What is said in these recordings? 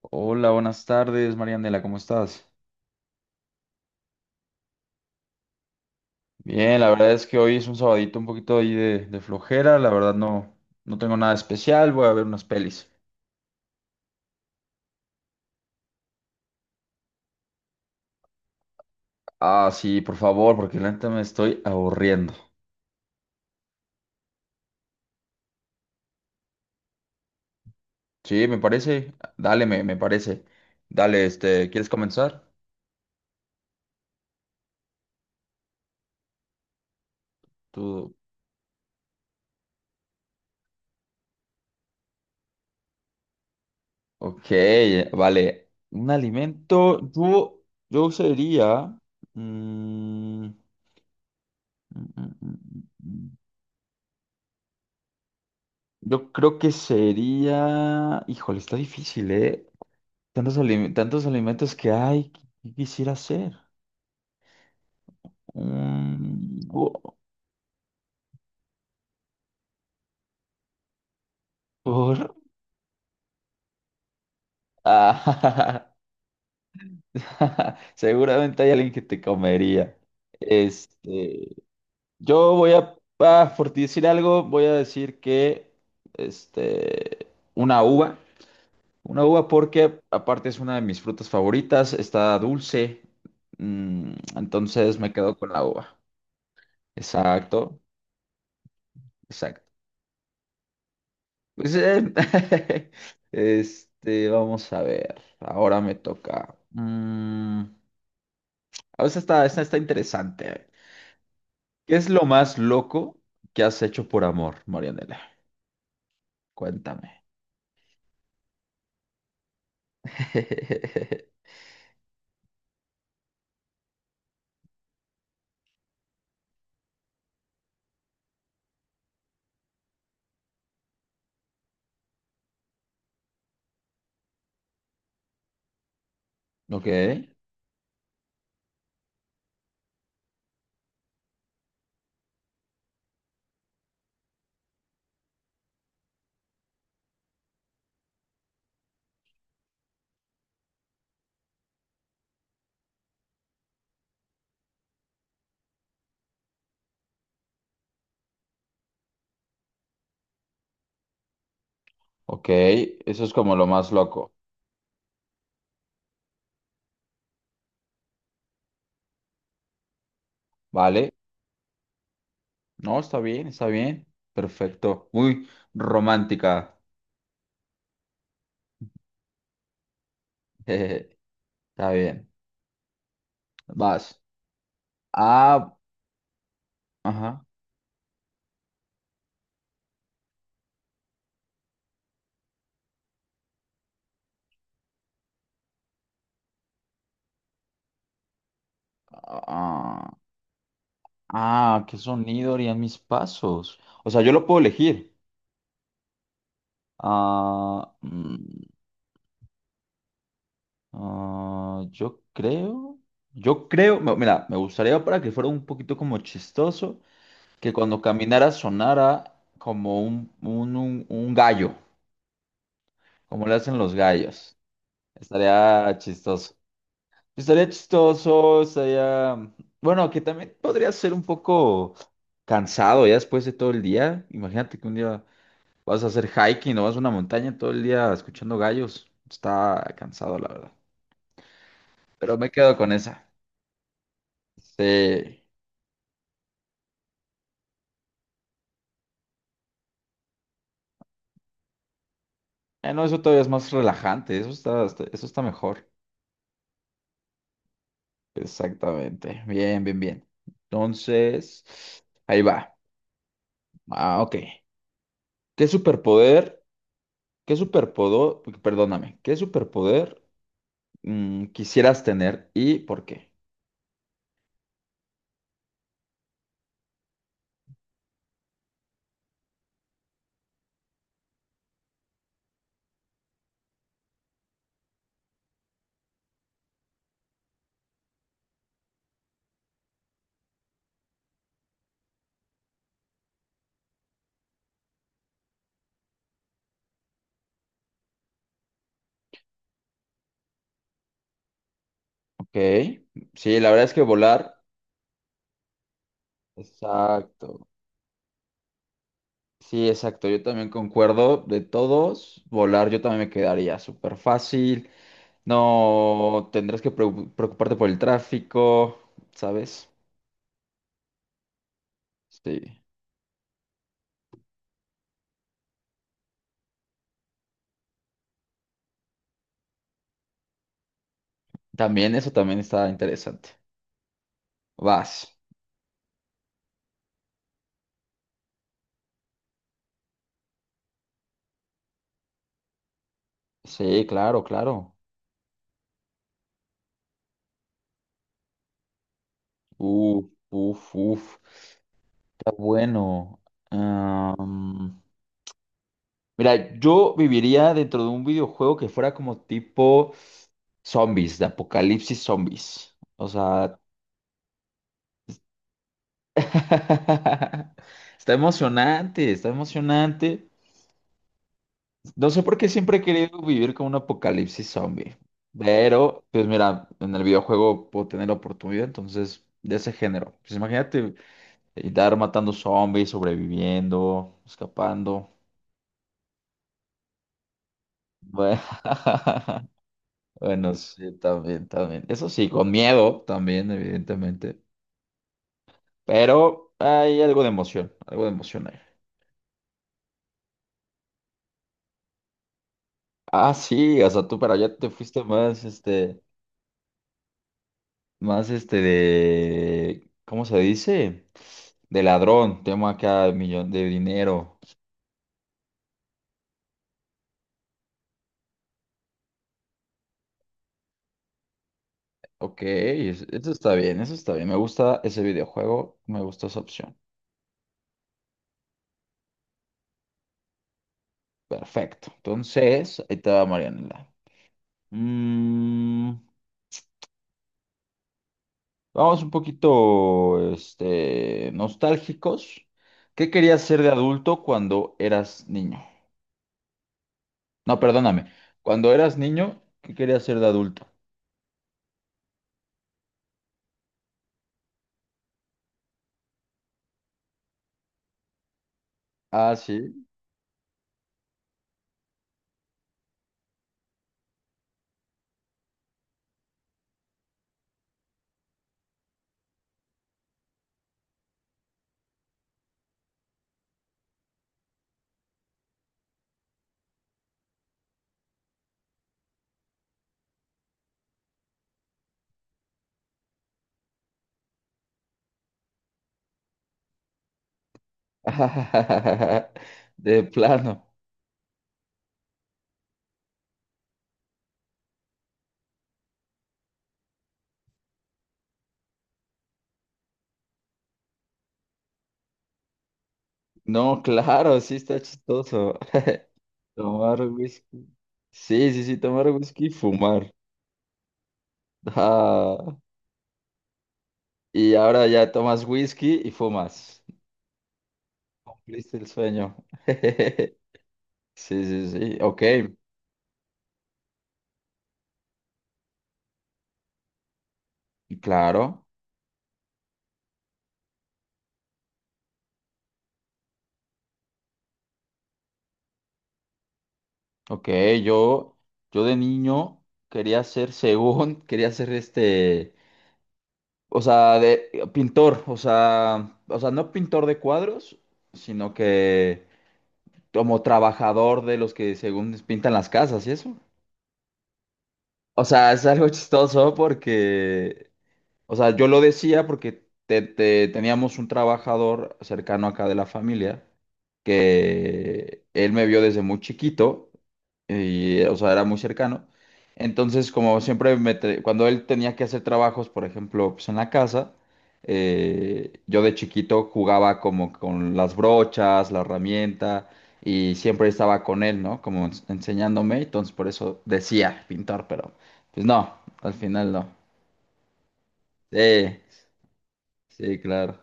Hola, buenas tardes, Marianela, ¿cómo estás? Bien, la verdad es que hoy es un sabadito un poquito ahí de flojera, la verdad no, no tengo nada especial, voy a ver unas pelis. Ah, sí, por favor, porque la neta me estoy aburriendo. Sí, me parece, dale, me parece. Dale, ¿quieres comenzar? Tú, ok, vale. Un alimento, yo sería, mm, mm, mm, mm, mm. yo creo que sería, híjole, está difícil, ¿eh? Tantos alimentos que hay, ¿qué quisiera hacer? Mm, bu- bur- Ah, Seguramente hay alguien que te comería. Este, yo voy a, por decir algo, voy a decir que, este, una uva, una uva porque aparte es una de mis frutas favoritas, está dulce, entonces me quedo con la uva. Exacto, exacto. Pues, vamos a ver. Ahora me toca. A veces esta está interesante. ¿Qué es lo más loco que has hecho por amor, Marianela? Cuéntame. Ok, ok. Eso es como lo más loco, ¿vale? No, está bien, está bien. Perfecto. Muy romántica. Está bien. Vas. Ah, ajá. Ah, ¿qué sonido harían mis pasos? O sea, yo lo puedo elegir. Ah, mm, yo creo, mira, me gustaría para que fuera un poquito como chistoso, que cuando caminara sonara como un gallo, como le hacen los gallos. Estaría chistoso. Estaría chistoso, estaría... Bueno, que también podría ser un poco cansado ya después de todo el día. Imagínate que un día... Vas a hacer hiking o vas a una montaña todo el día escuchando gallos. Está cansado, la verdad. Pero me quedo con esa. Sí. Ah, no, eso todavía es más relajante. Eso eso está mejor. Exactamente. Bien, bien, bien. Entonces, ahí va. Ah, ok. ¿Qué superpoder? ¿Qué superpoder? Perdóname. ¿Qué superpoder quisieras tener y por qué? Ok. Sí, la verdad es que volar. Exacto. Sí, exacto, yo también concuerdo de todos, volar yo también me quedaría súper fácil, no tendrás que preocuparte por el tráfico, ¿sabes? Sí, también eso también está interesante. Vas. Sí, claro, claro. Uf, uf, uf, está bueno. Am, mira, yo viviría dentro de un videojuego que fuera como tipo zombies, de apocalipsis zombies. O sea, Está emocionante, está emocionante. No sé por qué siempre he querido vivir con un apocalipsis zombie, pero pues mira, en el videojuego puedo tener la oportunidad, entonces, de ese género. Pues imagínate andar matando zombies, sobreviviendo, escapando. Bueno, bueno, sí, también, también. Eso sí, con miedo también, evidentemente, pero hay algo de emoción ahí. Ah, sí, o sea, tú para allá te fuiste más, este... Más este de, ¿cómo se dice? De ladrón, tema acá de millón de dinero. Ok, eso está bien, eso está bien. Me gusta ese videojuego, me gusta esa opción. Perfecto. Entonces, ahí te va Marianela. Mm, vamos un poquito, nostálgicos. ¿Qué querías ser de adulto cuando eras niño? No, perdóname. Cuando eras niño, ¿qué querías ser de adulto? Ah, sí. De plano. No, claro, sí está chistoso. Tomar whisky. Sí, sí, sí, tomar whisky y fumar. Ah, y ahora ya tomas whisky y fumas. Cumpliste el sueño. Sí, sí, sí. Ok, claro. Ok, yo, yo de niño quería ser, según, quería ser o sea, de pintor, o sea, no pintor de cuadros, sino que como trabajador de los que según pintan las casas y eso. O sea, es algo chistoso porque o sea, yo lo decía porque teníamos un trabajador cercano acá de la familia que él me vio desde muy chiquito y, o sea, era muy cercano. Entonces, como siempre, cuando él tenía que hacer trabajos, por ejemplo, pues en la casa, yo de chiquito jugaba como con las brochas, la herramienta y siempre estaba con él, ¿no? Como enseñándome. Entonces, por eso decía pintor, pero pues no, al final no. Sí. Sí, claro.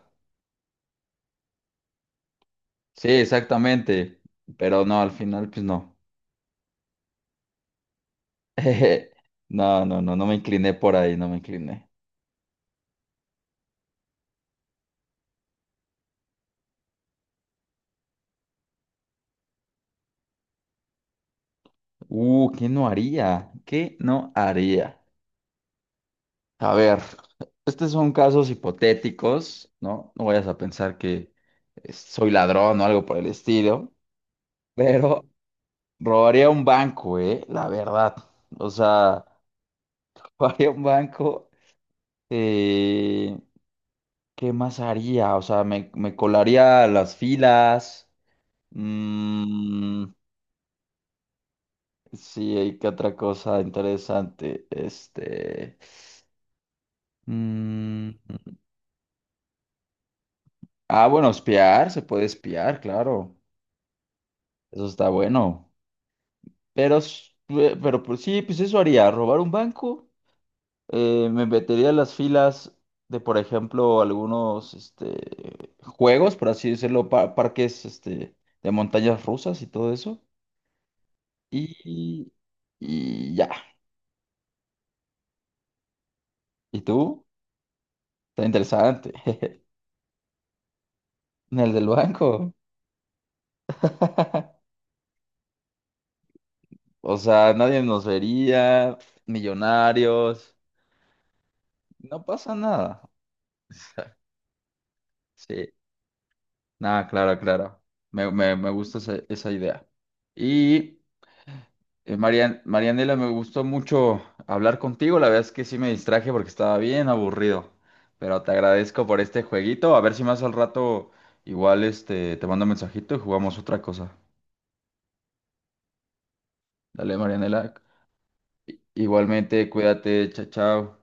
Sí, exactamente. Pero no, al final, pues no. No, no, no, no me incliné por ahí, no me incliné. ¿Qué no haría? ¿Qué no haría? A ver, estos son casos hipotéticos, ¿no? No vayas a pensar que soy ladrón o algo por el estilo, pero robaría un banco, ¿eh? La verdad. O sea, robaría un banco. eh, ¿Qué más haría? O sea, me colaría a las filas. Mm, sí, hay que otra cosa interesante. Este. mm, ah, bueno, espiar, se puede espiar, claro. Eso está bueno. Pero, pero pues, sí, pues eso haría, robar un banco. Me metería en las filas de, por ejemplo, algunos juegos, por así decirlo, parques de montañas rusas y todo eso. Y, y ya. ¿Y tú? Está interesante. En el del banco. O sea, nadie nos vería, millonarios, no pasa nada. Sí, nada, claro, claro. Me gusta esa idea. Y Marianela, me gustó mucho hablar contigo. La verdad es que sí me distraje porque estaba bien aburrido. Pero te agradezco por este jueguito. A ver si más al rato igual te mando un mensajito y jugamos otra cosa. Dale, Marianela. Igualmente, cuídate, chao, chao.